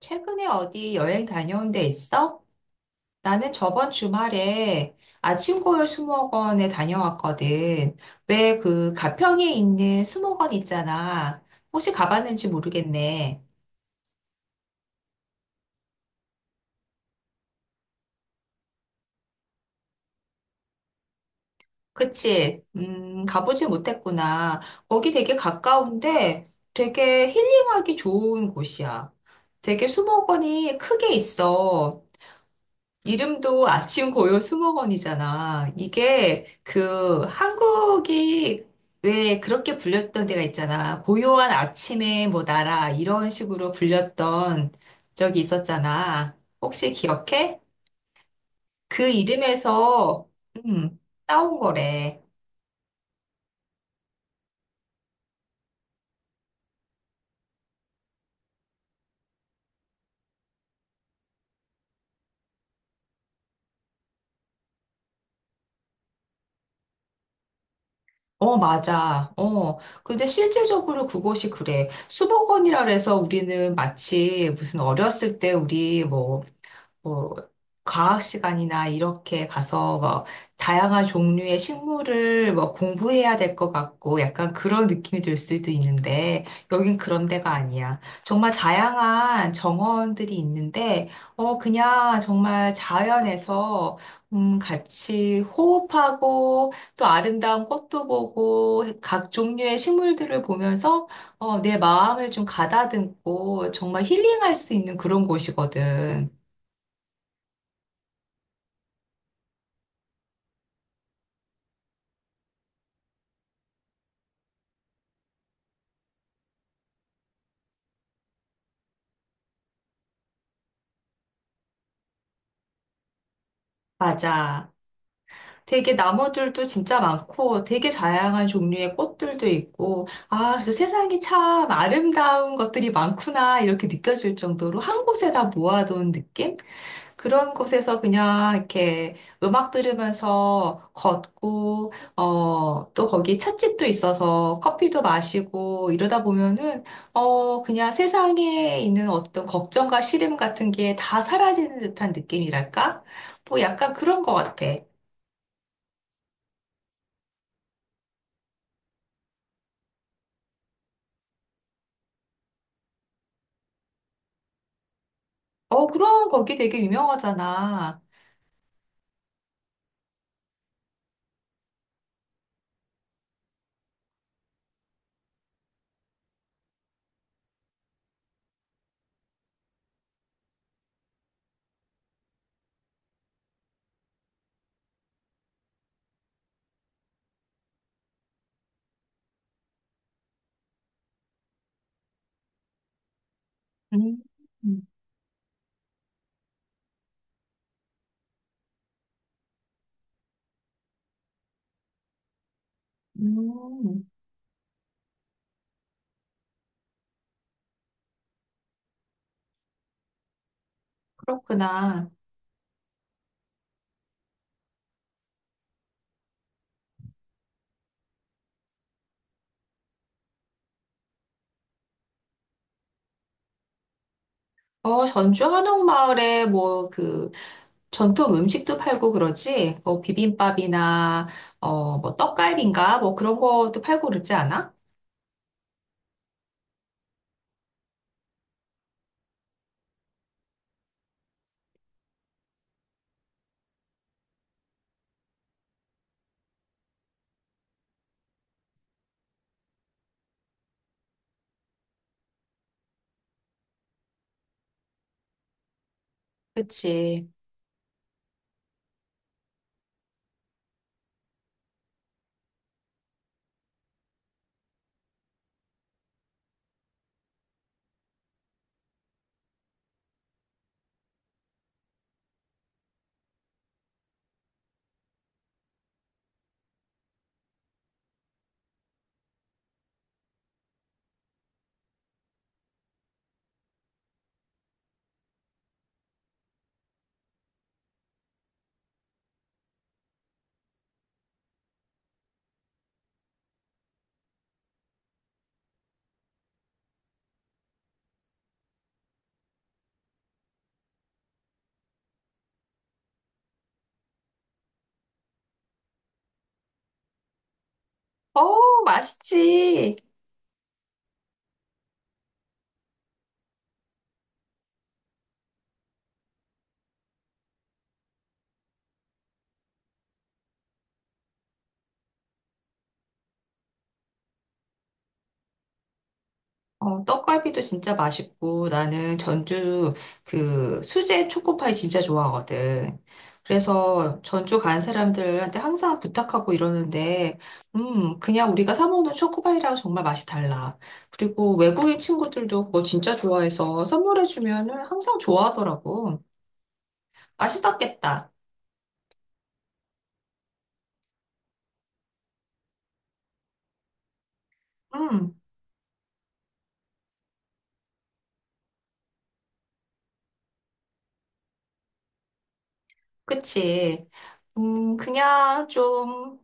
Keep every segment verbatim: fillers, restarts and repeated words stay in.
최근에 어디 여행 다녀온 데 있어? 나는 저번 주말에 아침고요 수목원에 다녀왔거든. 왜 그 가평에 있는 수목원 있잖아. 혹시 가봤는지 모르겠네. 그치? 음, 가보지 못했구나. 거기 되게 가까운데 되게 힐링하기 좋은 곳이야. 되게 수목원이 크게 있어. 이름도 아침 고요 수목원이잖아. 이게 그 한국이 왜 그렇게 불렸던 데가 있잖아. 고요한 아침의 뭐 나라 이런 식으로 불렸던 적이 있었잖아. 혹시 기억해? 그 이름에서 음, 따온 거래. 어, 맞아. 어. 근데 실질적으로 그곳이 그래. 수목원이라 그래서 우리는 마치 무슨 어렸을 때 우리 뭐 뭐 과학 시간이나 이렇게 가서 뭐 다양한 종류의 식물을 뭐 공부해야 될 것 같고 약간 그런 느낌이 들 수도 있는데 여긴 그런 데가 아니야. 정말 다양한 정원들이 있는데 어 그냥 정말 자연에서 음 같이 호흡하고 또 아름다운 꽃도 보고 각 종류의 식물들을 보면서 어 내 마음을 좀 가다듬고 정말 힐링할 수 있는 그런 곳이거든. 맞아. 되게 나무들도 진짜 많고 되게 다양한 종류의 꽃들도 있고 아, 그래서 세상이 참 아름다운 것들이 많구나 이렇게 느껴질 정도로 한 곳에 다 모아둔 느낌? 그런 곳에서 그냥 이렇게 음악 들으면서 걷고 어, 또 거기 찻집도 있어서 커피도 마시고 이러다 보면은 어, 그냥 세상에 있는 어떤 걱정과 시름 같은 게 다 사라지는 듯한 느낌이랄까? 뭐 약간 그런 것 같아. 어, 그럼 거기 되게 유명하잖아. 음. 음, 그렇구나. 어, 전주 한옥마을에 뭐 그 전통 음식도 팔고 그러지? 뭐 비빔밥이나 어, 뭐 떡갈비인가? 뭐 그런 것도 팔고 그러지 않아? 그치. 어, 맛있지. 어, 떡갈비도 진짜 맛있고 나는 전주 그 수제 초코파이 진짜 좋아하거든. 그래서 전주 간 사람들한테 항상 부탁하고 이러는데, 음, 그냥 우리가 사 먹는 초코파이랑 정말 맛이 달라. 그리고 외국인 친구들도 그거 진짜 좋아해서 선물해주면은 항상 좋아하더라고. 맛있었겠다. 음. 그치. 음, 그냥 좀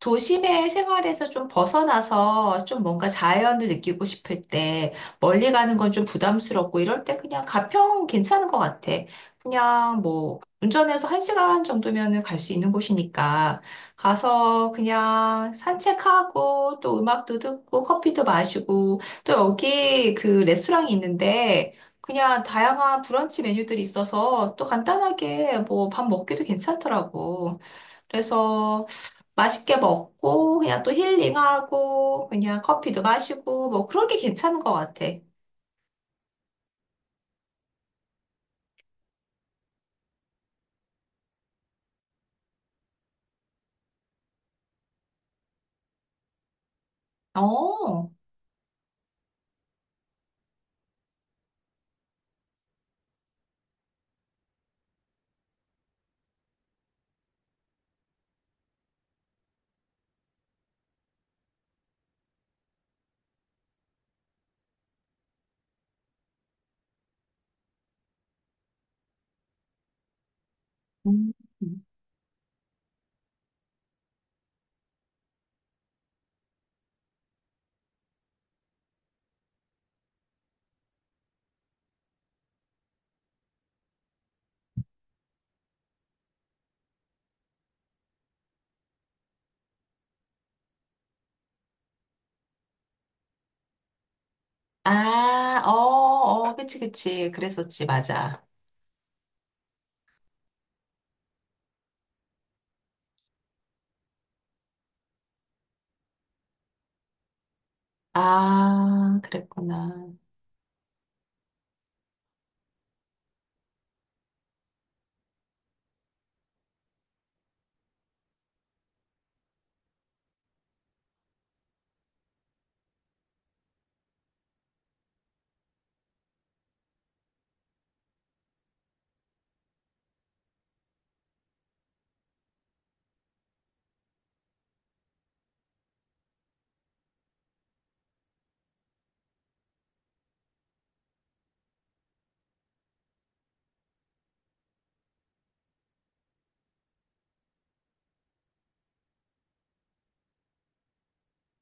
도심의 생활에서 좀 벗어나서 좀 뭔가 자연을 느끼고 싶을 때 멀리 가는 건 좀 부담스럽고 이럴 때 그냥 가평 괜찮은 것 같아. 그냥 뭐 운전해서 한 시간 정도면은 갈 수 있는 곳이니까 가서 그냥 산책하고 또 음악도 듣고 커피도 마시고 또 여기 그 레스토랑이 있는데 그냥 다양한 브런치 메뉴들이 있어서 또 간단하게 뭐 밥 먹기도 괜찮더라고. 그래서 맛있게 먹고 그냥 또 힐링하고 그냥 커피도 마시고 뭐 그런 게 괜찮은 것 같아. 어. 음. 아, 어, 어, 그치, 그치. 그랬었지, 맞아. 아, 그랬구나.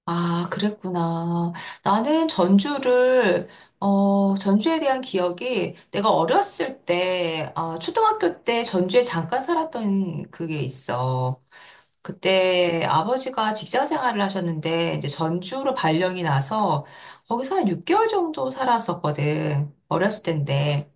아, 그랬구나. 나는 전주를, 어, 전주에 대한 기억이 내가 어렸을 때, 아, 초등학교 때 전주에 잠깐 살았던 그게 있어. 그때 아버지가 직장 생활을 하셨는데, 이제 전주로 발령이 나서 거기서 한 육 개월 정도 살았었거든. 어렸을 때인데.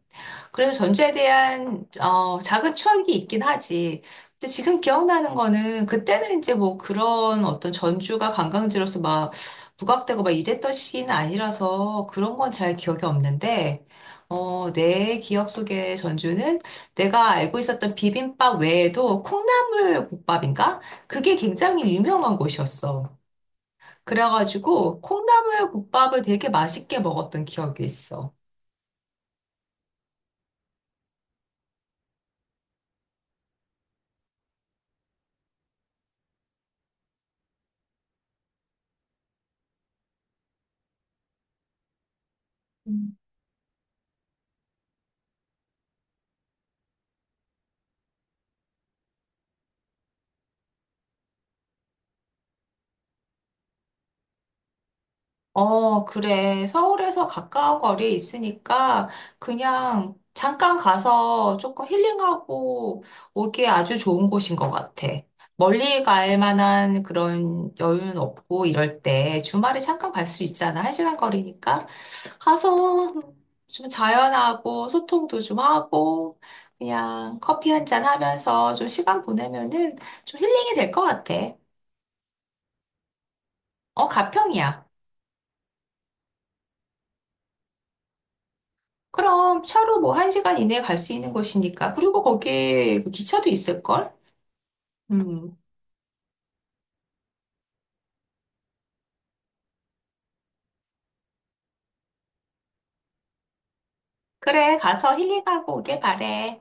그래서 전주에 대한 어, 작은 추억이 있긴 하지. 근데 지금 기억나는 거는 그때는 이제 뭐 그런 어떤 전주가 관광지로서 막 부각되고 막 이랬던 시기는 아니라서 그런 건 잘 기억이 없는데 어, 내 기억 속에 전주는 내가 알고 있었던 비빔밥 외에도 콩나물 국밥인가? 그게 굉장히 유명한 곳이었어. 그래가지고 콩나물 국밥을 되게 맛있게 먹었던 기억이 있어. 어, 그래. 서울에서 가까운 거리에 있으니까 그냥 잠깐 가서 조금 힐링하고 오기에 아주 좋은 곳인 것 같아. 멀리 갈 만한 그런 여유는 없고 이럴 때 주말에 잠깐 갈 수 있잖아. 한 시간 거리니까. 가서 좀 자연하고 소통도 좀 하고 그냥 커피 한 잔 하면서 좀 시간 보내면은 좀 힐링이 될 것 같아. 어, 가평이야. 그럼 차로 뭐 한 시간 이내에 갈 수 있는 곳이니까. 그리고 거기 기차도 있을걸? 음. 그래, 가서 힐링하고 오길 바래.